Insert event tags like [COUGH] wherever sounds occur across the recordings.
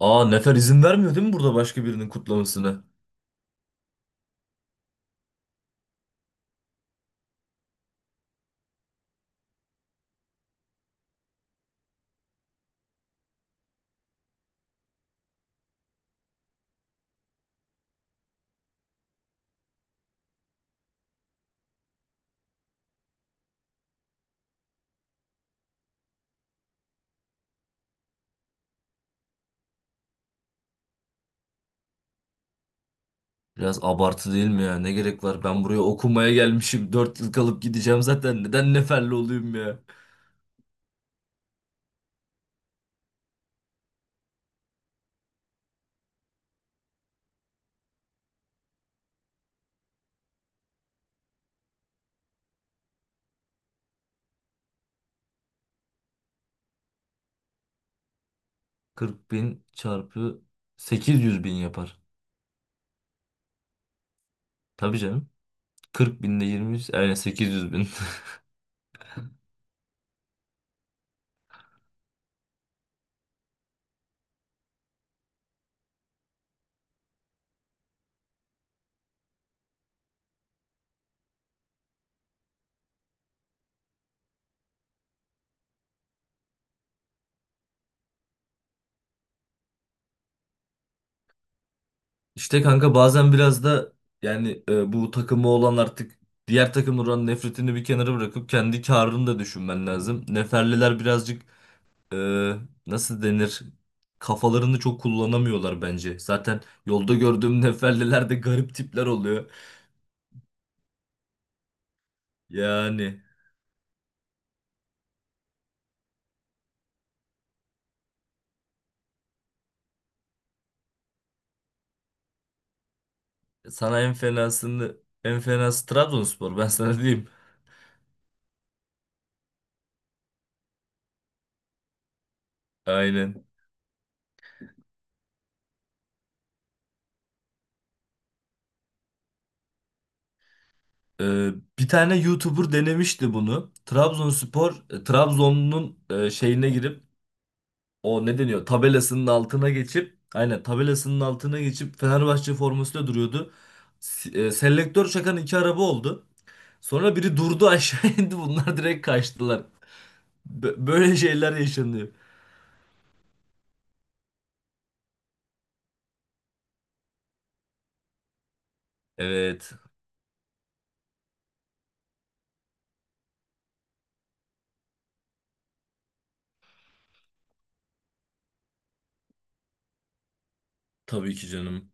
Aa, Nefer izin vermiyor değil mi burada başka birinin kutlamasına? Biraz abartı değil mi ya? Ne gerek var? Ben buraya okumaya gelmişim. Dört yıl kalıp gideceğim zaten. Neden neferli olayım ya? 40 bin çarpı 800 bin yapar. Tabii canım. 40 binde 20, yani 800 bin. [LAUGHS] İşte kanka bazen biraz da bu takımı olan artık diğer takımların nefretini bir kenara bırakıp kendi karını da düşünmen lazım. Neferliler birazcık, e, nasıl denir? Kafalarını çok kullanamıyorlar bence. Zaten yolda gördüğüm [LAUGHS] neferliler de garip tipler oluyor. Yani sana en fenasını, en fenası Trabzonspor, ben sana diyeyim. Aynen. E, Bir tane YouTuber denemişti bunu. Trabzon'un şeyine girip, o ne deniyor tabelasının altına geçip aynen tabelasının altına geçip Fenerbahçe formasıyla duruyordu. Selektör çakan iki araba oldu. Sonra biri durdu, [LAUGHS] aşağı indi, bunlar direkt kaçtılar. Böyle şeyler yaşanıyor. Evet, tabii ki canım.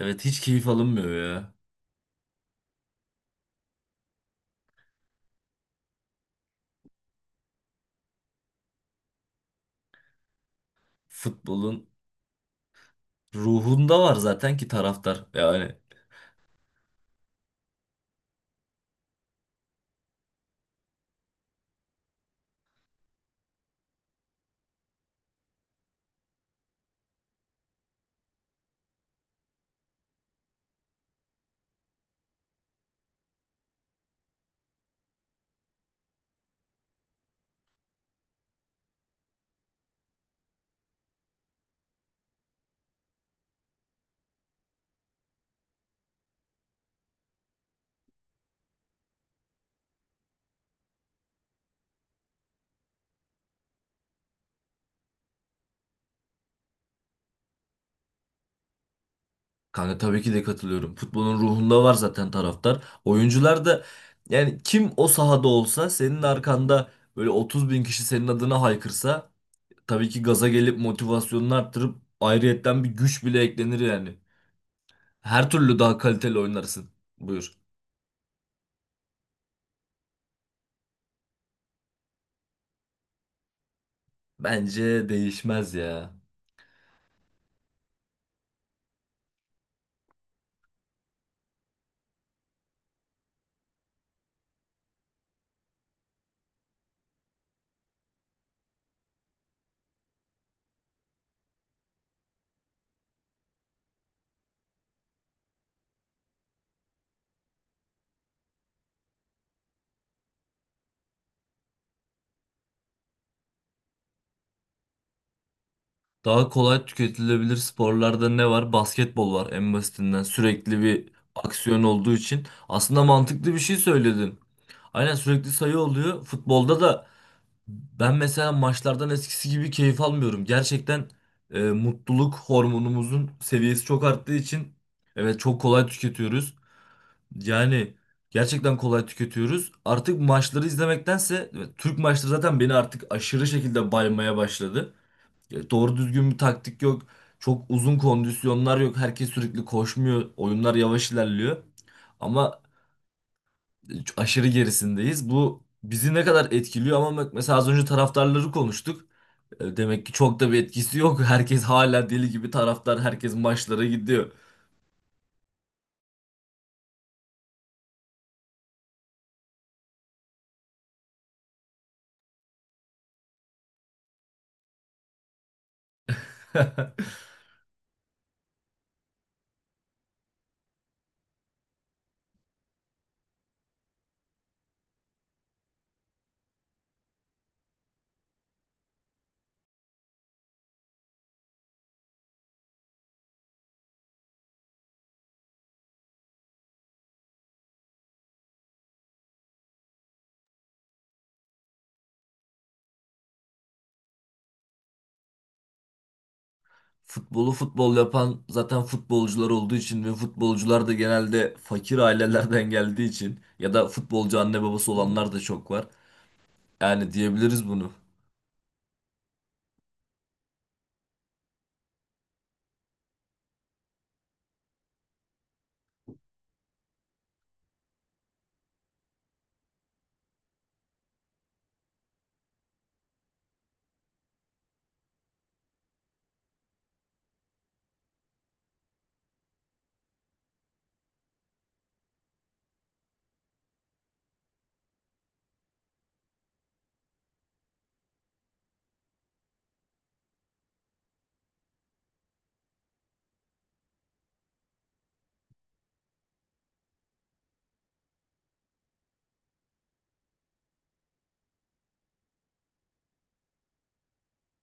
Evet, hiç keyif alınmıyor ya. Futbolun ruhunda var zaten ki taraftar. Yani kanka, tabii ki de katılıyorum. Futbolun ruhunda var zaten taraftar. Oyuncular da yani kim o sahada olsa, senin arkanda böyle 30 bin kişi senin adına haykırsa, tabii ki gaza gelip motivasyonunu arttırıp ayrıyetten bir güç bile eklenir yani. Her türlü daha kaliteli oynarsın. Buyur. Bence değişmez ya. Daha kolay tüketilebilir sporlarda ne var? Basketbol var en basitinden. Sürekli bir aksiyon olduğu için. Aslında mantıklı bir şey söyledin. Aynen, sürekli sayı oluyor. Futbolda da ben mesela maçlardan eskisi gibi keyif almıyorum. Gerçekten mutluluk hormonumuzun seviyesi çok arttığı için evet, çok kolay tüketiyoruz. Yani gerçekten kolay tüketiyoruz. Artık maçları izlemektense evet, Türk maçları zaten beni artık aşırı şekilde baymaya başladı. Doğru düzgün bir taktik yok. Çok uzun kondisyonlar yok. Herkes sürekli koşmuyor. Oyunlar yavaş ilerliyor. Ama aşırı gerisindeyiz. Bu bizi ne kadar etkiliyor ama bak, mesela az önce taraftarları konuştuk. Demek ki çok da bir etkisi yok. [LAUGHS] Herkes hala deli gibi taraftar. Herkes maçlara gidiyor. [LAUGHS] Futbolu futbol yapan zaten futbolcular olduğu için ve futbolcular da genelde fakir ailelerden geldiği için, ya da futbolcu anne babası olanlar da çok var. Yani diyebiliriz bunu.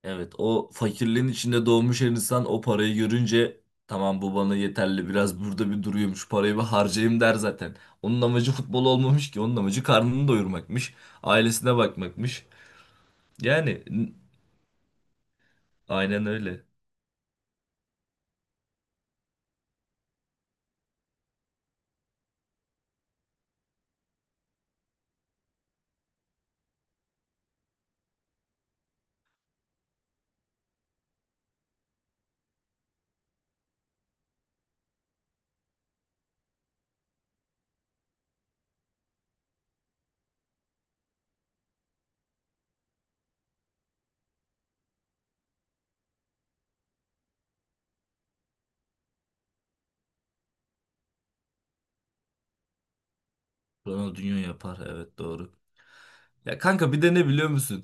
Evet, o fakirliğin içinde doğmuş her insan o parayı görünce tamam bu bana yeterli, biraz burada bir duruyormuş, parayı bir harcayayım der zaten. Onun amacı futbol olmamış ki, onun amacı karnını doyurmakmış, ailesine bakmakmış. Yani n- aynen öyle. Ronaldinho yapar, evet doğru. Ya kanka, bir de ne biliyor musun?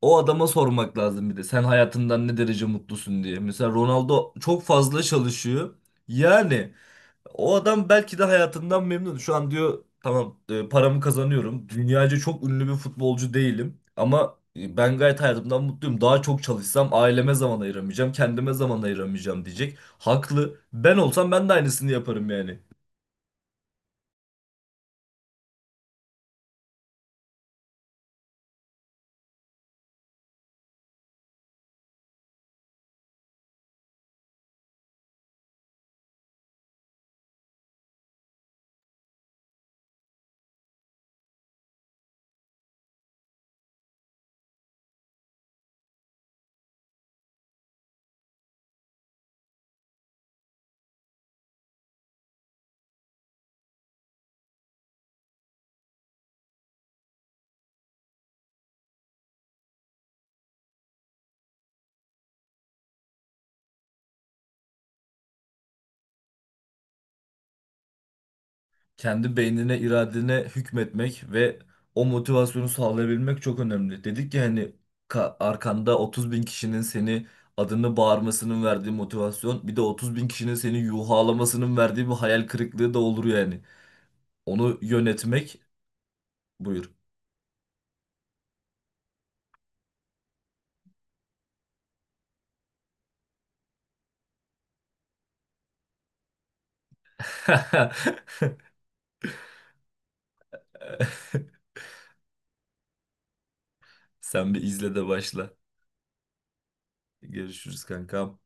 O adama sormak lazım bir de, sen hayatından ne derece mutlusun diye. Mesela Ronaldo çok fazla çalışıyor. Yani o adam belki de hayatından memnun. Şu an diyor tamam, paramı kazanıyorum. Dünyaca çok ünlü bir futbolcu değilim. Ama ben gayet hayatımdan mutluyum. Daha çok çalışsam aileme zaman ayıramayacağım. Kendime zaman ayıramayacağım diyecek. Haklı. Ben olsam ben de aynısını yaparım yani. Kendi beynine, iradene hükmetmek ve o motivasyonu sağlayabilmek çok önemli. Dedik ya hani, arkanda 30 bin kişinin seni adını bağırmasının verdiği motivasyon, bir de 30 bin kişinin seni yuhalamasının verdiği bir hayal kırıklığı da olur yani. Onu yönetmek, buyur. [LAUGHS] Sen bir izle de başla. Görüşürüz kankam.